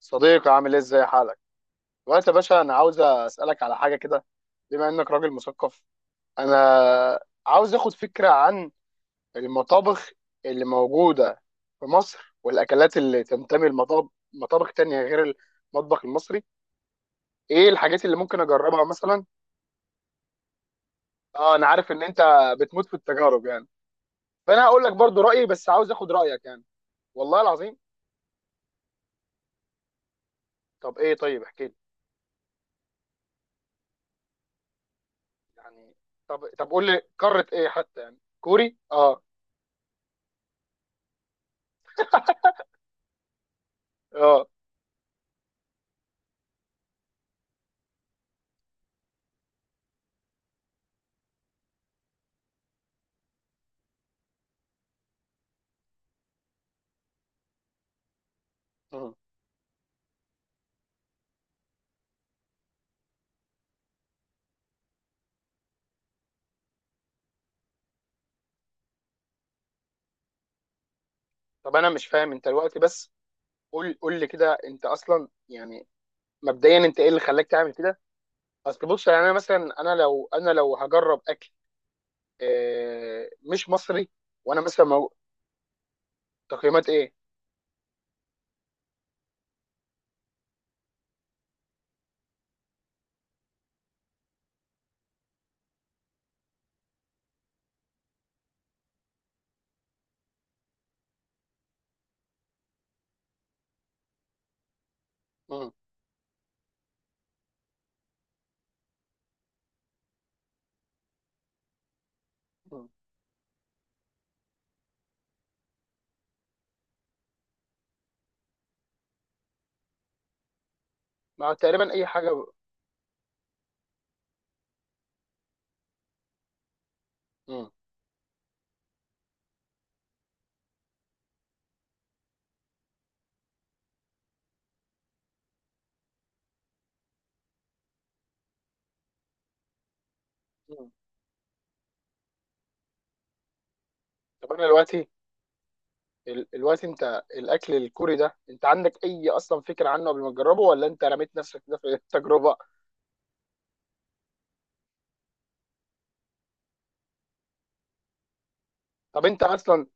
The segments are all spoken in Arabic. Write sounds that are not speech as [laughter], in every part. صديقي، عامل ايه؟ ازاي حالك دلوقتي يا باشا؟ انا عاوز اسالك على حاجه كده، بما انك راجل مثقف. انا عاوز اخد فكره عن المطابخ اللي موجوده في مصر، والاكلات اللي تنتمي لمطابخ مطابخ تانية غير المطبخ المصري. ايه الحاجات اللي ممكن اجربها مثلا؟ اه، انا عارف ان انت بتموت في التجارب يعني. فانا هقول لك برضو رايي، بس عاوز اخد رايك يعني، والله العظيم. طب ايه؟ طيب احكي لي يعني. طب قول لي قاره ايه حتى؟ يعني كوري؟ اه، اه. طب انا مش فاهم انت دلوقتي، بس... قول لي كده، انت اصلا يعني مبدئيا انت ايه اللي خلاك تعمل كده؟ اصل بص يعني، انا مثلا، انا لو هجرب اكل مش مصري. وانا مثلا تقييمات ايه؟ مم. مم. ما هو تقريبا اي حاجه مم. مم. طب انا دلوقتي، دلوقتي انت الاكل الكوري ده، انت عندك اي اصلا فكره عنه قبل ما تجربه، ولا انت رميت نفسك كده في [laughs] التجربه؟ طب انت اصلا...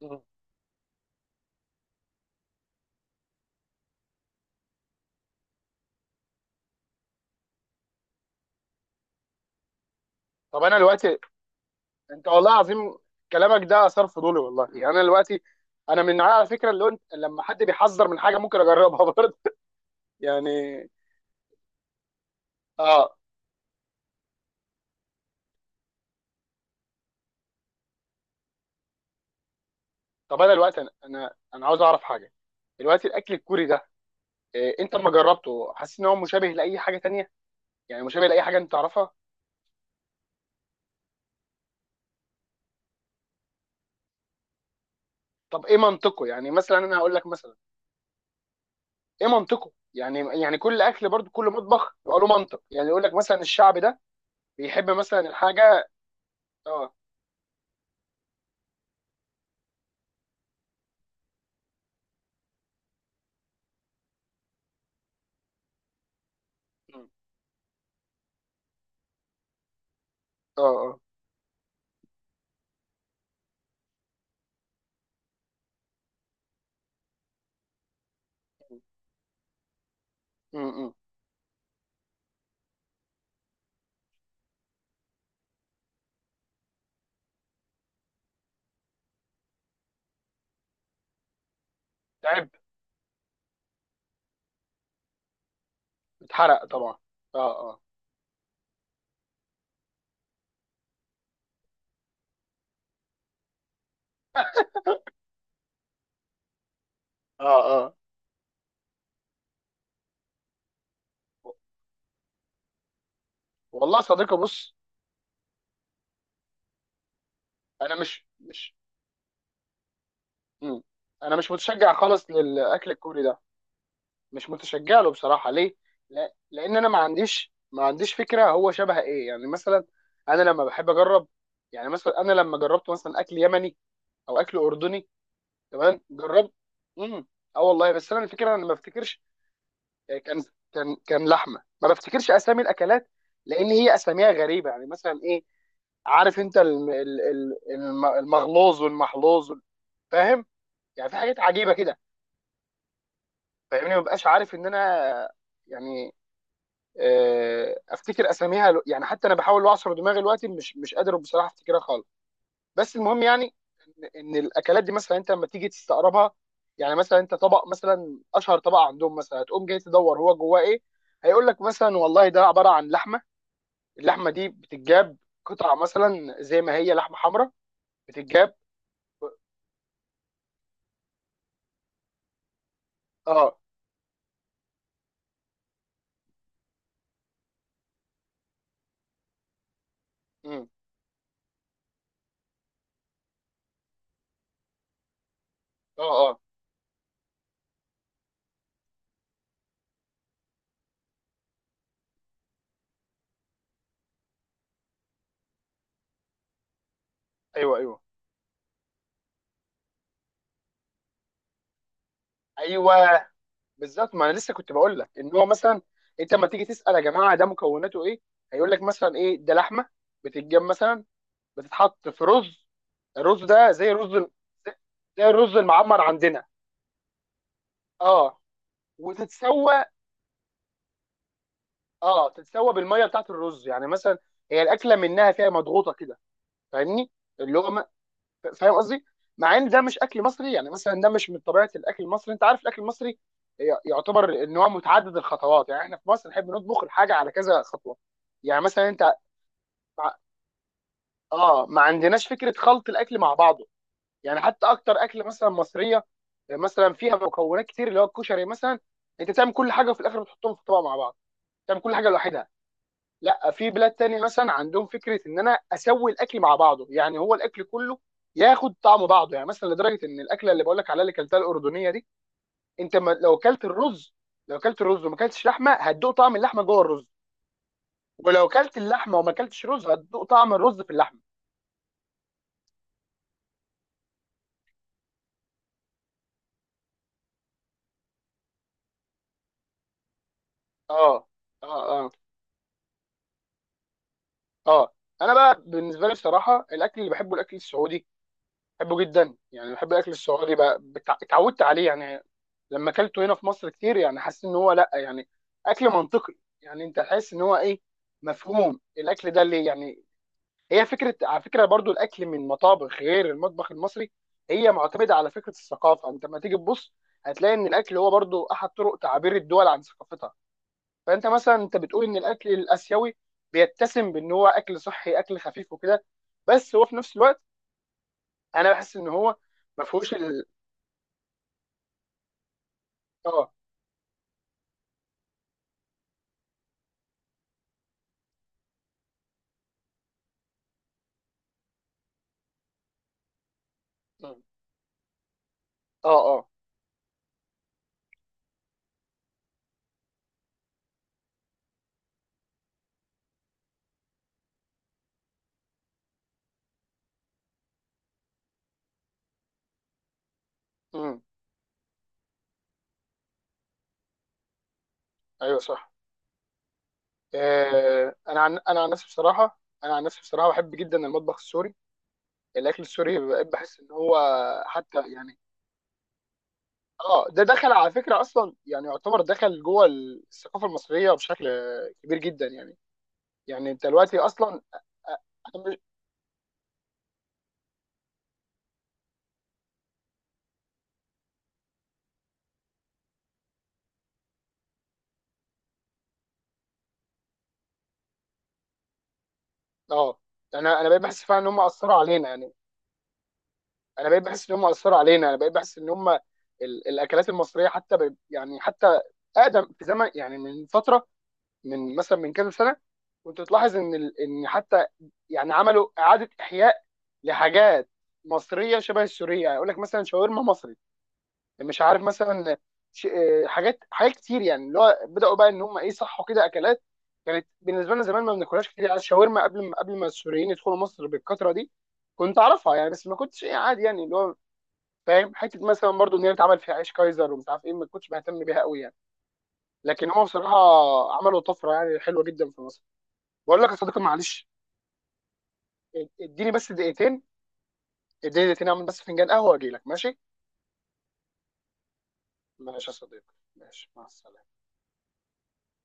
مم. طب انا دلوقتي، انت والله العظيم كلامك ده اثار فضولي والله. يعني انا دلوقتي، انا من النوعية على فكره، اللي انت لما حد بيحذر من حاجه ممكن اجربها [laughs] برضه يعني. اه. طب انا دلوقتي، انا عاوز اعرف حاجه. دلوقتي الاكل الكوري ده إيه؟ انت لما جربته حاسس ان هو مشابه لاي حاجه تانية؟ يعني مشابه لاي حاجه انت تعرفها؟ طب ايه منطقه؟ يعني مثلا انا هقول لك مثلا. ايه منطقه يعني؟ يعني كل اكل برضه، كل مطبخ يبقى له منطق. يعني يقول لك مثلا الشعب ده بيحب مثلا الحاجه. اه، اه، اه. م- م- م. تعب. اتحرق طبعا، اه. اه، اه، اه. والله يا صديقي بص، انا مش مم. انا مش متشجع خالص للاكل الكوري ده، مش متشجع له بصراحه، ليه؟ لا، لان انا ما عنديش فكره هو شبه ايه، يعني مثلا انا لما بحب اجرب، يعني مثلا انا لما جربت مثلا اكل يمني او اكل اردني. تمام، جربت. امم. اه والله، بس انا الفكره انا ما بفتكرش. كان كان لحمه. ما بفتكرش اسامي الاكلات، لان هي اساميها غريبه، يعني مثلا إيه؟ عارف انت المغلوظ والمحلوظ فاهم؟ يعني في حاجات عجيبه كده. فاهمني، ما ببقاش عارف ان انا يعني افتكر اساميها يعني. حتى انا بحاول اعصر دماغي دلوقتي، مش قادر بصراحه افتكرها خالص. بس المهم يعني إن الاكلات دي مثلا انت لما تيجي تستقربها. يعني مثلا انت طبق مثلا، اشهر طبق عندهم مثلا، هتقوم جاي تدور هو جواه ايه. هيقول لك مثلا والله ده عباره عن لحمه، اللحمه دي بتتجاب قطع مثلا زي ما هي لحمه حمراء، بتتجاب. اه. مم. اه، اه. ايوه، ايوه، ايوه، بالظبط. ما انا لسه كنت بقول لك ان هو مثلا انت لما تيجي تسال يا جماعه ده مكوناته ايه، هيقول لك مثلا ايه؟ ده لحمه، بتتجاب مثلا، بتتحط في رز، الرز ده زي الرز زي الرز المعمر عندنا. اه، وتتسوى. اه، تتسوى بالميه بتاعت الرز يعني مثلا. هي الاكله منها فيها مضغوطه كده، فاهمني؟ اللي هو فاهم قصدي؟ مع ان ده مش اكل مصري، يعني مثلا ده مش من طبيعه الاكل المصري. انت عارف الاكل المصري يعتبر ان هو متعدد الخطوات، يعني احنا في مصر نحب نطبخ الحاجه على كذا خطوه. يعني مثلا انت مع- اه، ما عندناش فكره خلط الاكل مع بعضه. يعني حتى اكتر اكل مثلا مصريه مثلا فيها مكونات كتير، اللي هو الكشري مثلا، انت تعمل كل حاجه وفي الاخر بتحطهم في طبق مع بعض، تعمل كل حاجه لوحدها. لا، في بلاد تانية مثلا عندهم فكره ان انا اسوي الاكل مع بعضه، يعني هو الاكل كله ياخد طعم بعضه. يعني مثلا لدرجه ان الاكله اللي بقول لك عليها، اللي كلتها الاردنيه دي، انت ما لو كلت الرز. لو كلت الرز وما كلتش لحمه، هتدوق طعم اللحمه جوه الرز. ولو كلت اللحمه وما كلتش رز، هتدوق طعم الرز في اللحمه. اه، اه، اه، اه. انا بقى بالنسبه لي بصراحه، الاكل اللي بحبه الاكل السعودي. بحبه جدا يعني، بحب الاكل السعودي بقى، اتعودت عليه يعني. لما اكلته هنا في مصر كتير، يعني حسيت ان هو لا يعني اكل منطقي، يعني انت تحس ان هو ايه مفهوم الاكل ده اللي يعني... هي فكره، على فكره برضو، الاكل من مطابخ غير المطبخ المصري هي معتمده على فكره الثقافه. انت لما تيجي تبص، هتلاقي ان الاكل هو برضو احد طرق تعبير الدول عن ثقافتها. فانت مثلا، انت بتقول ان الاكل الاسيوي بيتسم بان هو اكل صحي، اكل خفيف وكده. بس هو في نفس الوقت، انا بحس ان هو ما فيهوش. اه. مم. اه، اه. مم. ايوه صح. آه، انا عن نفسي بصراحه بحب جدا المطبخ السوري، الاكل السوري. بقيت بحس ان هو حتى يعني، اه، ده دخل على فكره اصلا، يعني يعتبر دخل جوه الثقافه المصريه بشكل كبير جدا يعني. يعني انت دلوقتي اصلا انا اه، انا بقيت بحس فعلا ان هم اثروا علينا يعني. انا بقيت بحس ان هم اثروا علينا، انا بقيت بحس ان هم الاكلات المصريه حتى يعني حتى اقدم في زمن يعني، من فتره، من مثلا من كذا سنه، كنت تلاحظ ان ان حتى يعني عملوا اعاده احياء لحاجات مصريه شبه السوريه. يعني يقول لك مثلا شاورما مصري، مش عارف مثلا حاجات كتير يعني، اللي هو بداوا بقى ان هم ايه، صحوا كده اكلات كانت بالنسبه لنا زمان ما بناكلهاش كتير. يعني الشاورما قبل ما السوريين يدخلوا مصر بالكثره دي، كنت اعرفها يعني، بس ما كنتش ايه، عادي يعني. اللي هو فاهم حته، مثلا برضو ان هي اتعمل فيها عيش كايزر ومش عارف ايه، ما كنتش بهتم بيها قوي يعني. لكن هم بصراحه عملوا طفره يعني حلوه جدا في مصر. بقول لك يا صديقي، معلش، اديني بس دقيقتين. اديني دقيقتين اعمل بس فنجان قهوه واجي لك، ماشي؟ ماشي يا صديقي، ماشي، مع السلامه.